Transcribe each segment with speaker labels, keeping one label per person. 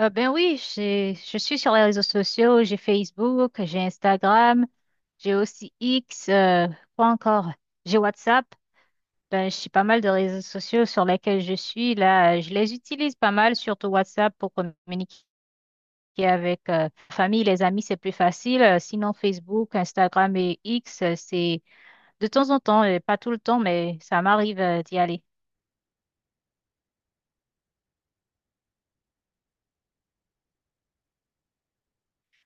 Speaker 1: Ben oui, je suis sur les réseaux sociaux, j'ai Facebook, j'ai Instagram, j'ai aussi X, quoi encore? J'ai WhatsApp. Ben, j'ai pas mal de réseaux sociaux sur lesquels je suis. Là, je les utilise pas mal, surtout WhatsApp pour communiquer avec la famille, les amis, c'est plus facile. Sinon, Facebook, Instagram et X, c'est de temps en temps, pas tout le temps, mais ça m'arrive d'y aller.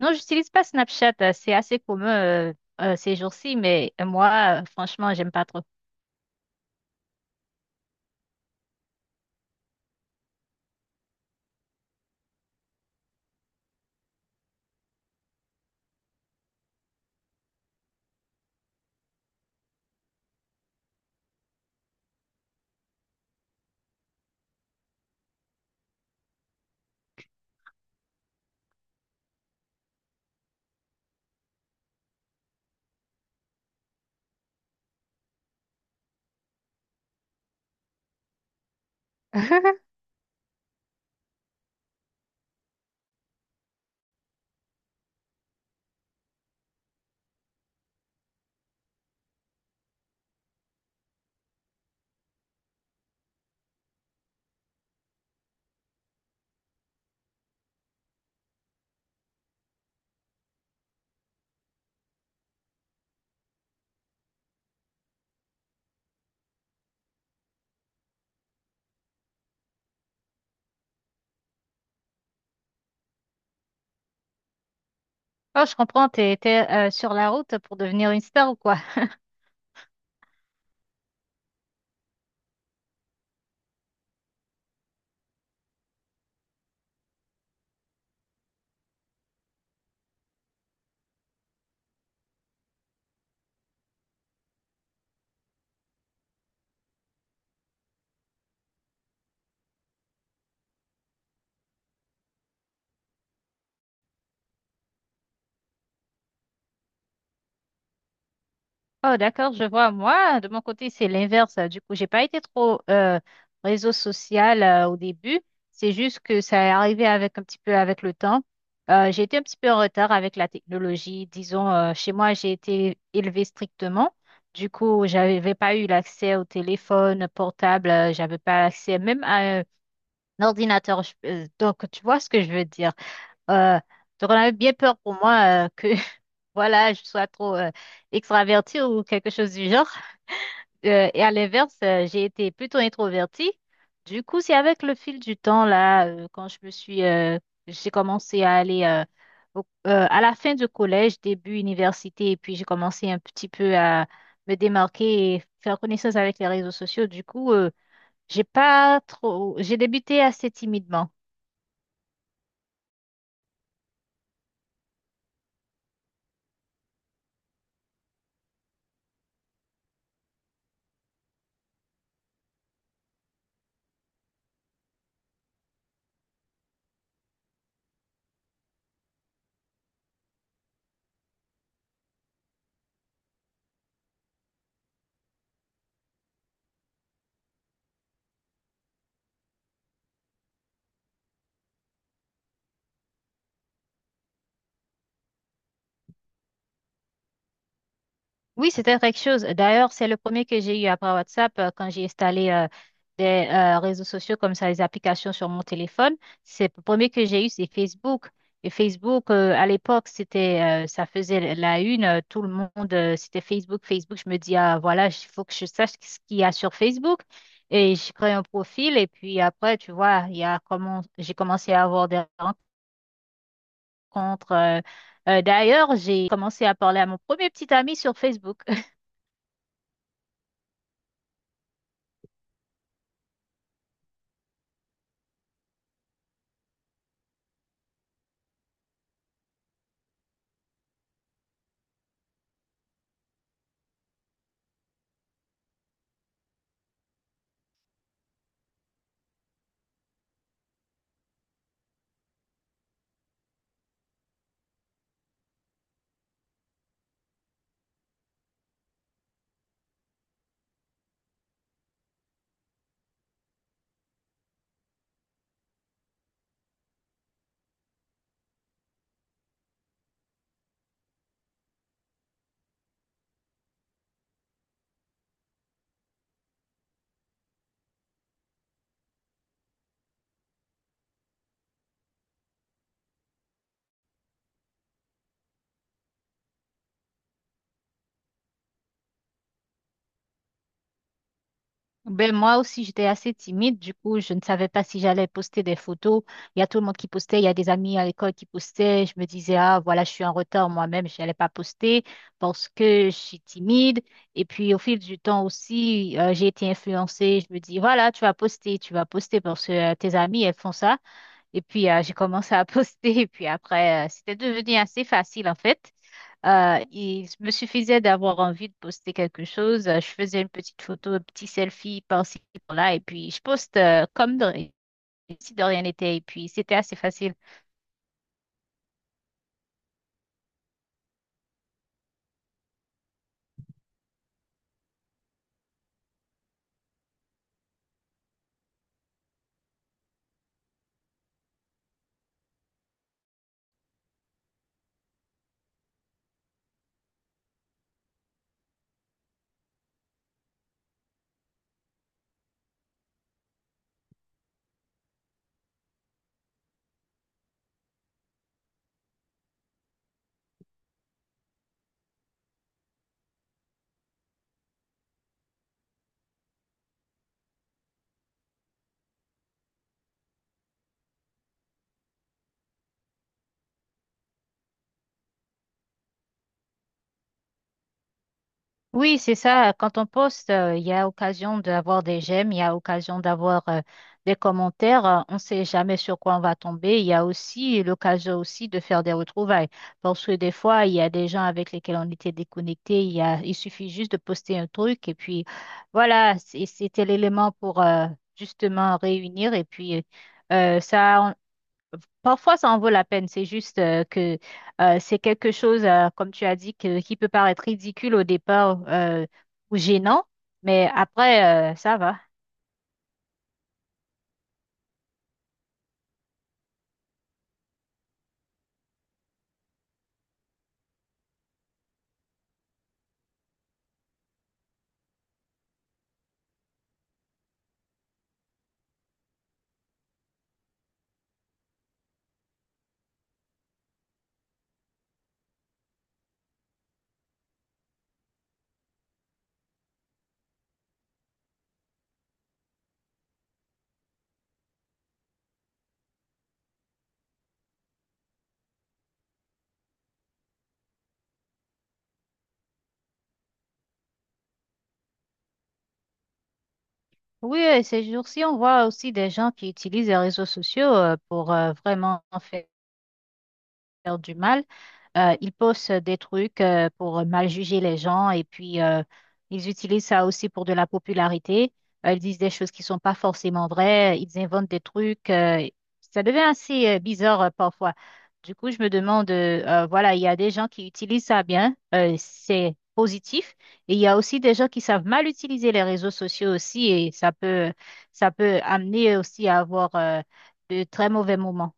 Speaker 1: Non, j'utilise pas Snapchat, c'est assez commun ces jours-ci, mais moi, franchement, j'aime pas trop. Oh, je comprends, t'es sur la route pour devenir une star ou quoi? Oh, d'accord, je vois. Moi, de mon côté, c'est l'inverse. Du coup, j'ai pas été trop réseau social au début. C'est juste que ça est arrivé avec un petit peu avec le temps. J'ai été un petit peu en retard avec la technologie. Disons, chez moi, j'ai été élevée strictement. Du coup, j'avais pas eu l'accès au téléphone portable. J'avais pas accès même à un ordinateur. Donc, tu vois ce que je veux dire? Euh, donc on avait bien peur pour moi que voilà je sois trop extravertie ou quelque chose du genre. Et à l'inverse, j'ai été plutôt introvertie. Du coup, c'est avec le fil du temps là, quand je me suis, j'ai commencé à aller à la fin du collège, début université, et puis j'ai commencé un petit peu à me démarquer et faire connaissance avec les réseaux sociaux. Du coup, j'ai pas trop, j'ai débuté assez timidement. Oui, c'était quelque chose. D'ailleurs, c'est le premier que j'ai eu après WhatsApp quand j'ai installé des réseaux sociaux comme ça, les applications sur mon téléphone. C'est le premier que j'ai eu, c'est Facebook. Et Facebook, à l'époque, ça faisait la une. Tout le monde, c'était Facebook, Facebook. Je me dis, ah, voilà, il faut que je sache ce qu'il y a sur Facebook. Et je crée un profil. Et puis après, tu vois, il y a comment, j'ai commencé à avoir des rencontres. D'ailleurs, j'ai commencé à parler à mon premier petit ami sur Facebook. Ben, moi aussi, j'étais assez timide. Du coup, je ne savais pas si j'allais poster des photos. Il y a tout le monde qui postait. Il y a des amis à l'école qui postaient. Je me disais, ah, voilà, je suis en retard moi-même. Je n'allais pas poster parce que je suis timide. Et puis, au fil du temps aussi, j'ai été influencée. Je me dis, voilà, tu vas poster parce que tes amis, elles font ça. Et puis, j'ai commencé à poster. Et puis après, c'était devenu assez facile, en fait. Il me suffisait d'avoir envie de poster quelque chose. Je faisais une petite photo, un petit selfie par-ci, par-là. Et puis, je poste si de rien n'était. Et puis, c'était assez facile. Oui, c'est ça. Quand on poste, il y a occasion d'avoir des j'aime, il y a occasion d'avoir des commentaires. On ne sait jamais sur quoi on va tomber. Il y a aussi l'occasion aussi de faire des retrouvailles. Parce que des fois, il y a des gens avec lesquels on était déconnectés. Il suffit juste de poster un truc et puis voilà, c'était l'élément pour justement réunir. Et puis euh, ça, parfois, ça en vaut la peine. C'est juste que c'est quelque chose, comme tu as dit, qui peut paraître ridicule au départ ou gênant, mais après, ça va. Oui, ces jours-ci, on voit aussi des gens qui utilisent les réseaux sociaux pour vraiment faire. Faire du mal. Ils postent des trucs pour mal juger les gens et puis ils utilisent ça aussi pour de la popularité. Ils disent des choses qui sont pas forcément vraies, ils inventent des trucs. Ça devient assez bizarre parfois. Du coup, je me demande, voilà, il y a des gens qui utilisent ça bien, c'est positif, et il y a aussi des gens qui savent mal utiliser les réseaux sociaux aussi, ça peut amener aussi à avoir de très mauvais moments.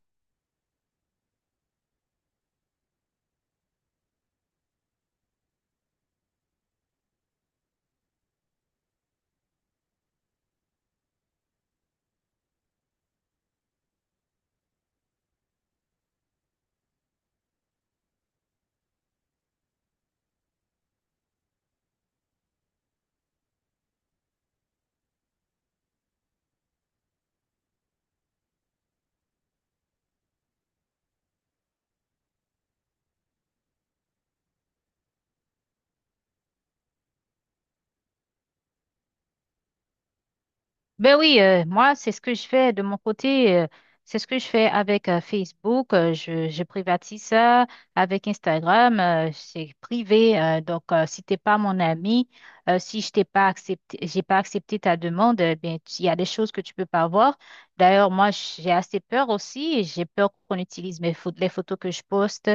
Speaker 1: Ben oui, moi, c'est ce que je fais de mon côté. C'est ce que je fais avec Facebook. Je privatise ça avec Instagram. C'est privé. Donc, si t'es pas mon ami, si je t'ai pas accepté, j'ai pas accepté ta demande, eh bien, il y a des choses que tu peux pas voir. D'ailleurs, moi, j'ai assez peur aussi. J'ai peur qu'on utilise mes photos, les photos que je poste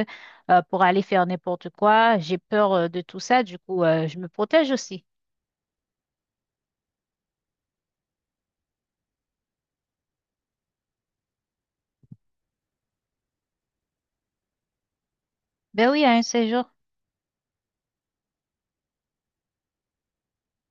Speaker 1: pour aller faire n'importe quoi. J'ai peur de tout ça. Du coup, je me protège aussi. Ben oui, à un séjour.